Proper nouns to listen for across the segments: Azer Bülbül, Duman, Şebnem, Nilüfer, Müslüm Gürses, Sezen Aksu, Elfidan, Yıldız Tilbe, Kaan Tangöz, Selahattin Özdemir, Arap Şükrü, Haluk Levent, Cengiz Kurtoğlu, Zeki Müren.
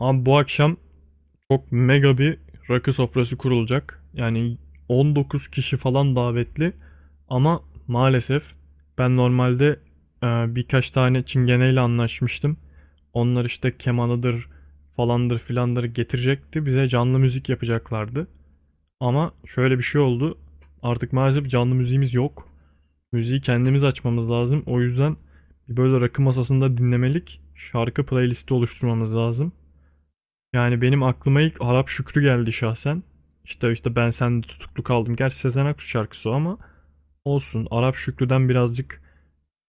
Abi bu akşam çok mega bir rakı sofrası kurulacak. Yani 19 kişi falan davetli. Ama maalesef ben normalde e, birkaç tane çingeneyle anlaşmıştım. Onlar işte kemanıdır falandır filandır getirecekti. Bize canlı müzik yapacaklardı. Ama şöyle bir şey oldu. Artık maalesef canlı müziğimiz yok. Müziği kendimiz açmamız lazım. O yüzden böyle rakı masasında dinlemelik şarkı playlisti oluşturmamız lazım. Yani benim aklıma ilk Arap Şükrü geldi şahsen. İşte ben sende tutuklu kaldım. Gerçi Sezen Aksu şarkısı o ama olsun. Arap Şükrü'den birazcık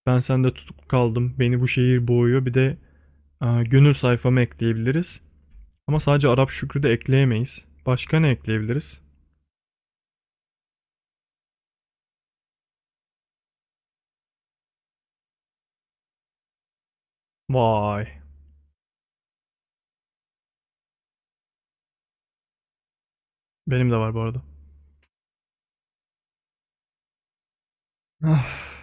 ben sende tutuklu kaldım. Beni bu şehir boğuyor. Bir de gönül sayfamı ekleyebiliriz. Ama sadece Arap Şükrü de ekleyemeyiz. Başka ne ekleyebiliriz? Vay. Benim de var bu arada. Ah,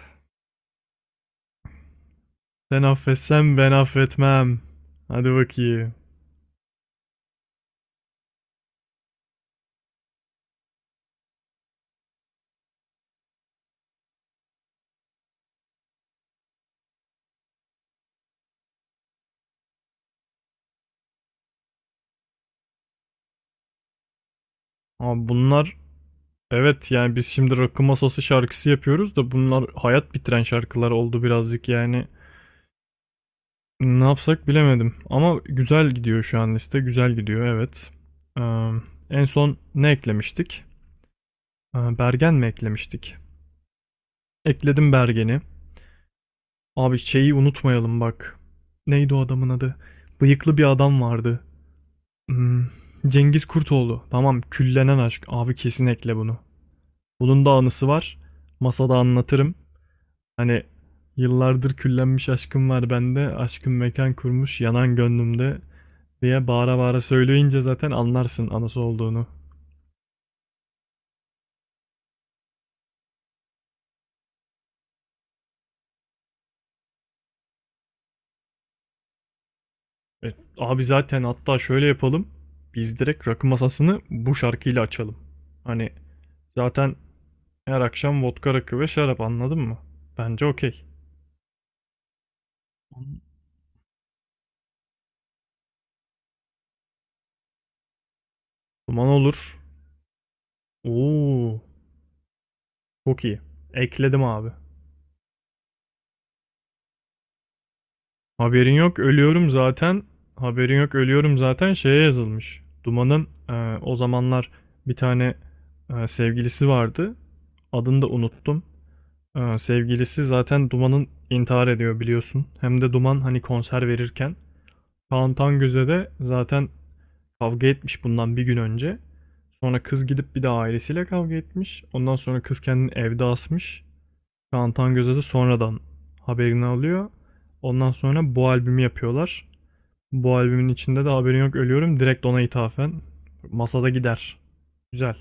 sen affetsen ben affetmem. Hadi bakayım. Ama bunlar, evet, yani biz şimdi rakı masası şarkısı yapıyoruz da bunlar hayat bitiren şarkılar oldu birazcık yani. Ne yapsak bilemedim. Ama güzel gidiyor şu an liste. Güzel gidiyor, evet. Ee, En son ne eklemiştik? Bergen mi eklemiştik? Ekledim Bergen'i. Abi şeyi unutmayalım bak. Neydi o adamın adı? Bıyıklı bir adam vardı. Hmm, Cengiz Kurtoğlu. Tamam, küllenen aşk. Abi kesin ekle bunu. Bunun da anısı var. Masada anlatırım. Hani yıllardır küllenmiş aşkım var bende. Aşkım mekan kurmuş yanan gönlümde, diye bağıra bağıra söyleyince zaten anlarsın anası olduğunu. E, Abi zaten hatta şöyle yapalım. Biz direkt rakı masasını bu şarkıyla açalım. Hani zaten her akşam vodka rakı ve şarap, anladın mı? Bence okey. Duman olur. Oo, çok iyi. Ekledim abi. Haberin yok ölüyorum zaten. Haberin yok ölüyorum zaten şeye yazılmış. Duman'ın o zamanlar bir tane sevgilisi vardı. Adını da unuttum. Sevgilisi zaten Duman'ın intihar ediyor, biliyorsun. Hem de Duman hani konser verirken. Kaan Tangöz'e de zaten kavga etmiş bundan bir gün önce. Sonra kız gidip bir de ailesiyle kavga etmiş. Ondan sonra kız kendini evde asmış. Kaan Tangöz'e de sonradan haberini alıyor. Ondan sonra bu albümü yapıyorlar. Bu albümün içinde de haberin yok ölüyorum direkt ona ithafen. Masada gider. Güzel.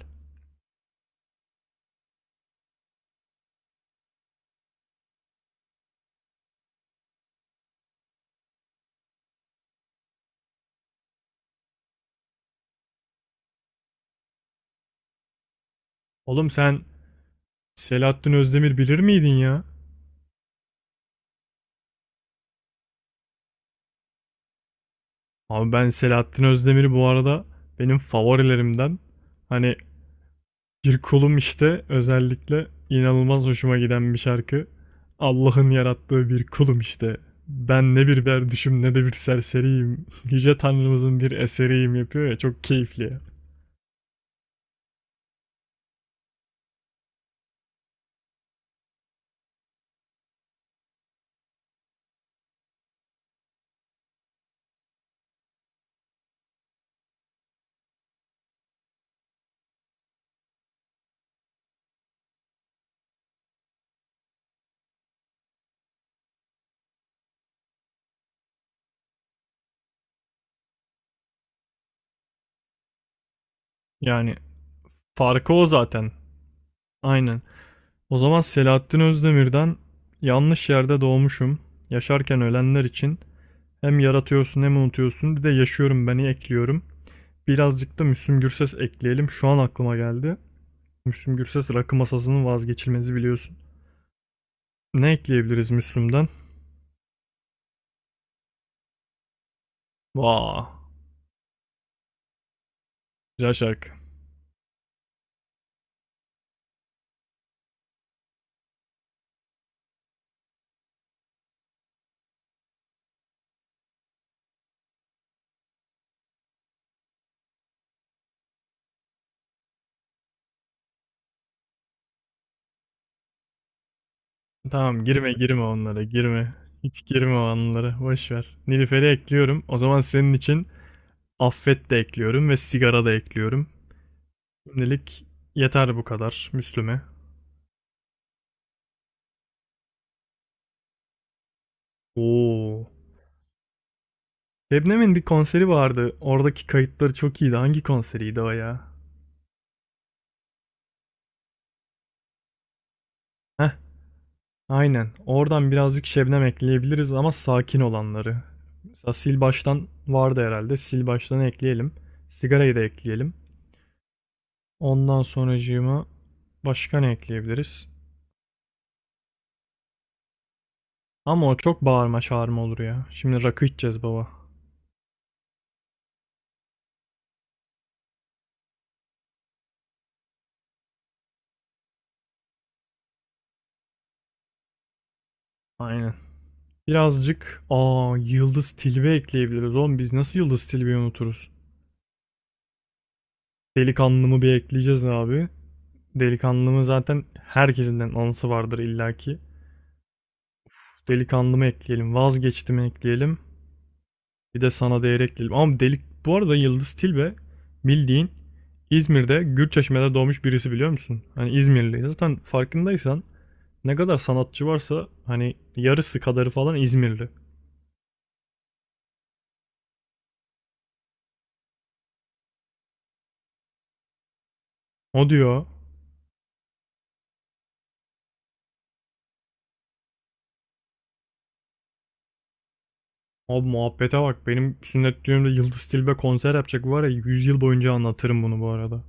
Oğlum sen Selahattin Özdemir bilir miydin ya? Abi ben Selahattin Özdemir'i bu arada benim favorilerimden, hani, bir kulum işte özellikle inanılmaz hoşuma giden bir şarkı. Allah'ın yarattığı bir kulum işte. Ben ne bir berduşum ne de bir serseriyim. Yüce Tanrımızın bir eseriyim yapıyor ya, çok keyifli ya. Yani farkı o zaten. Aynen. O zaman Selahattin Özdemir'den yanlış yerde doğmuşum. Yaşarken ölenler için, hem yaratıyorsun hem unutuyorsun, bir de yaşıyorum beni ekliyorum. Birazcık da Müslüm Gürses ekleyelim. Şu an aklıma geldi. Müslüm Gürses rakı masasının vazgeçilmezi biliyorsun. Ne ekleyebiliriz Müslüm'den? Vaa. Güzel şarkı. Tamam, girme onlara girme. Hiç girme o anlara. Boş ver. Nilüfer'i ekliyorum. O zaman senin için affet de ekliyorum ve sigara da ekliyorum. Şimdilik yeter bu kadar Müslüm'e. Oo. Şebnem'in bir konseri vardı. Oradaki kayıtları çok iyiydi. Hangi konseriydi o ya? Heh, aynen. Oradan birazcık Şebnem ekleyebiliriz, ama sakin olanları. Mesela sil baştan vardı herhalde. Sil baştanı ekleyelim. Sigarayı da ekleyelim. Ondan sonracığıma başka ne ekleyebiliriz? Ama o çok bağırma çağırma olur ya. Şimdi rakı içeceğiz baba. Aynen. Birazcık aa Yıldız Tilbe ekleyebiliriz oğlum. Biz nasıl Yıldız Tilbe'yi unuturuz? Delikanlımı bir ekleyeceğiz abi. Delikanlımı zaten herkesinden anısı vardır illaki. Delikanlımı ekleyelim. Vazgeçtimi ekleyelim. Bir de sana değer ekleyelim. Ama delik, bu arada Yıldız Tilbe bildiğin İzmir'de Gürçeşme'de doğmuş birisi biliyor musun? Hani İzmirli. Zaten farkındaysan ne kadar sanatçı varsa hani yarısı kadarı falan İzmirli. O diyor. Abi muhabbete bak, benim sünnet düğünümde Yıldız Tilbe konser yapacak var ya, 100 yıl boyunca anlatırım bunu bu arada.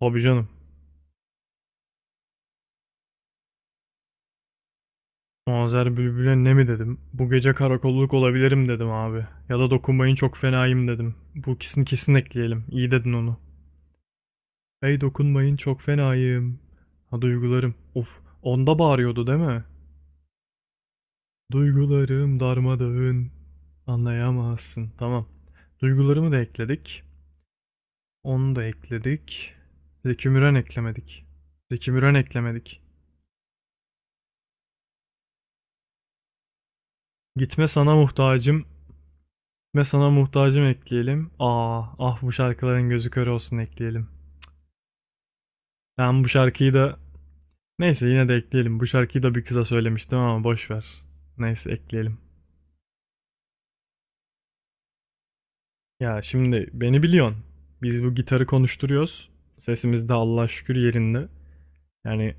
Abi canım. Azer Bülbül'e ne mi dedim? Bu gece karakolluk olabilirim dedim abi. Ya da dokunmayın çok fenayım dedim. Bu ikisini kesin ekleyelim. İyi dedin onu. Hey dokunmayın çok fenayım. Ha, duygularım. Of, onda bağırıyordu değil mi? Duygularım darmadağın. Anlayamazsın. Tamam. Duygularımı da ekledik. Onu da ekledik. Zeki Müren eklemedik. Zeki Müren eklemedik. Gitme sana muhtacım. Gitme sana muhtacım ekleyelim. Aa, ah bu şarkıların gözü kör olsun ekleyelim. Ben bu şarkıyı da, neyse, yine de ekleyelim. Bu şarkıyı da bir kıza söylemiştim ama boş ver. Neyse ekleyelim. Ya şimdi beni biliyorsun. Biz bu gitarı konuşturuyoruz. Sesimiz de Allah'a şükür yerinde. Yani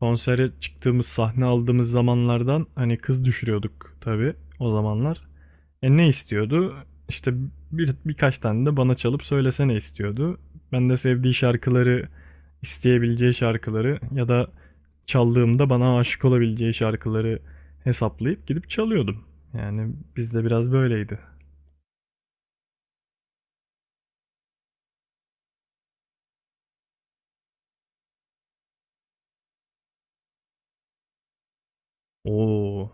konsere çıktığımız, sahne aldığımız zamanlardan hani kız düşürüyorduk tabii o zamanlar. E ne istiyordu? İşte birkaç tane de bana çalıp söylesene istiyordu. Ben de sevdiği şarkıları, isteyebileceği şarkıları ya da çaldığımda bana aşık olabileceği şarkıları hesaplayıp gidip çalıyordum. Yani bizde biraz böyleydi. Oo,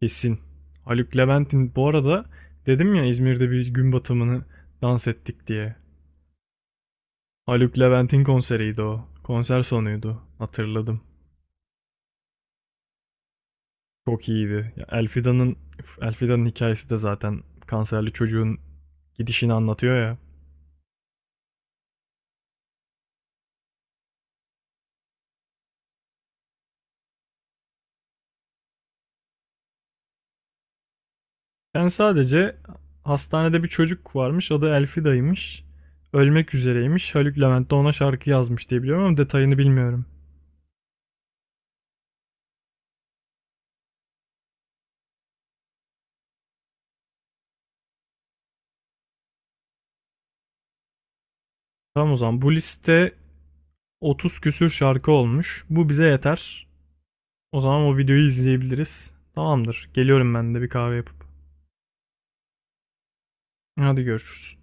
kesin. Haluk Levent'in bu arada dedim ya İzmir'de bir gün batımını dans ettik diye. Haluk Levent'in konseriydi o. Konser sonuydu. Hatırladım. Çok iyiydi. Elfidan'ın hikayesi de zaten kanserli çocuğun gidişini anlatıyor ya. Ben sadece hastanede bir çocuk varmış. Adı Elfida'ymış. Ölmek üzereymiş. Haluk Levent de ona şarkı yazmış diye biliyorum ama detayını bilmiyorum. Tamam o zaman bu liste 30 küsür şarkı olmuş. Bu bize yeter. O zaman o videoyu izleyebiliriz. Tamamdır. Geliyorum ben de bir kahve yapıp. Hadi görüşürüz.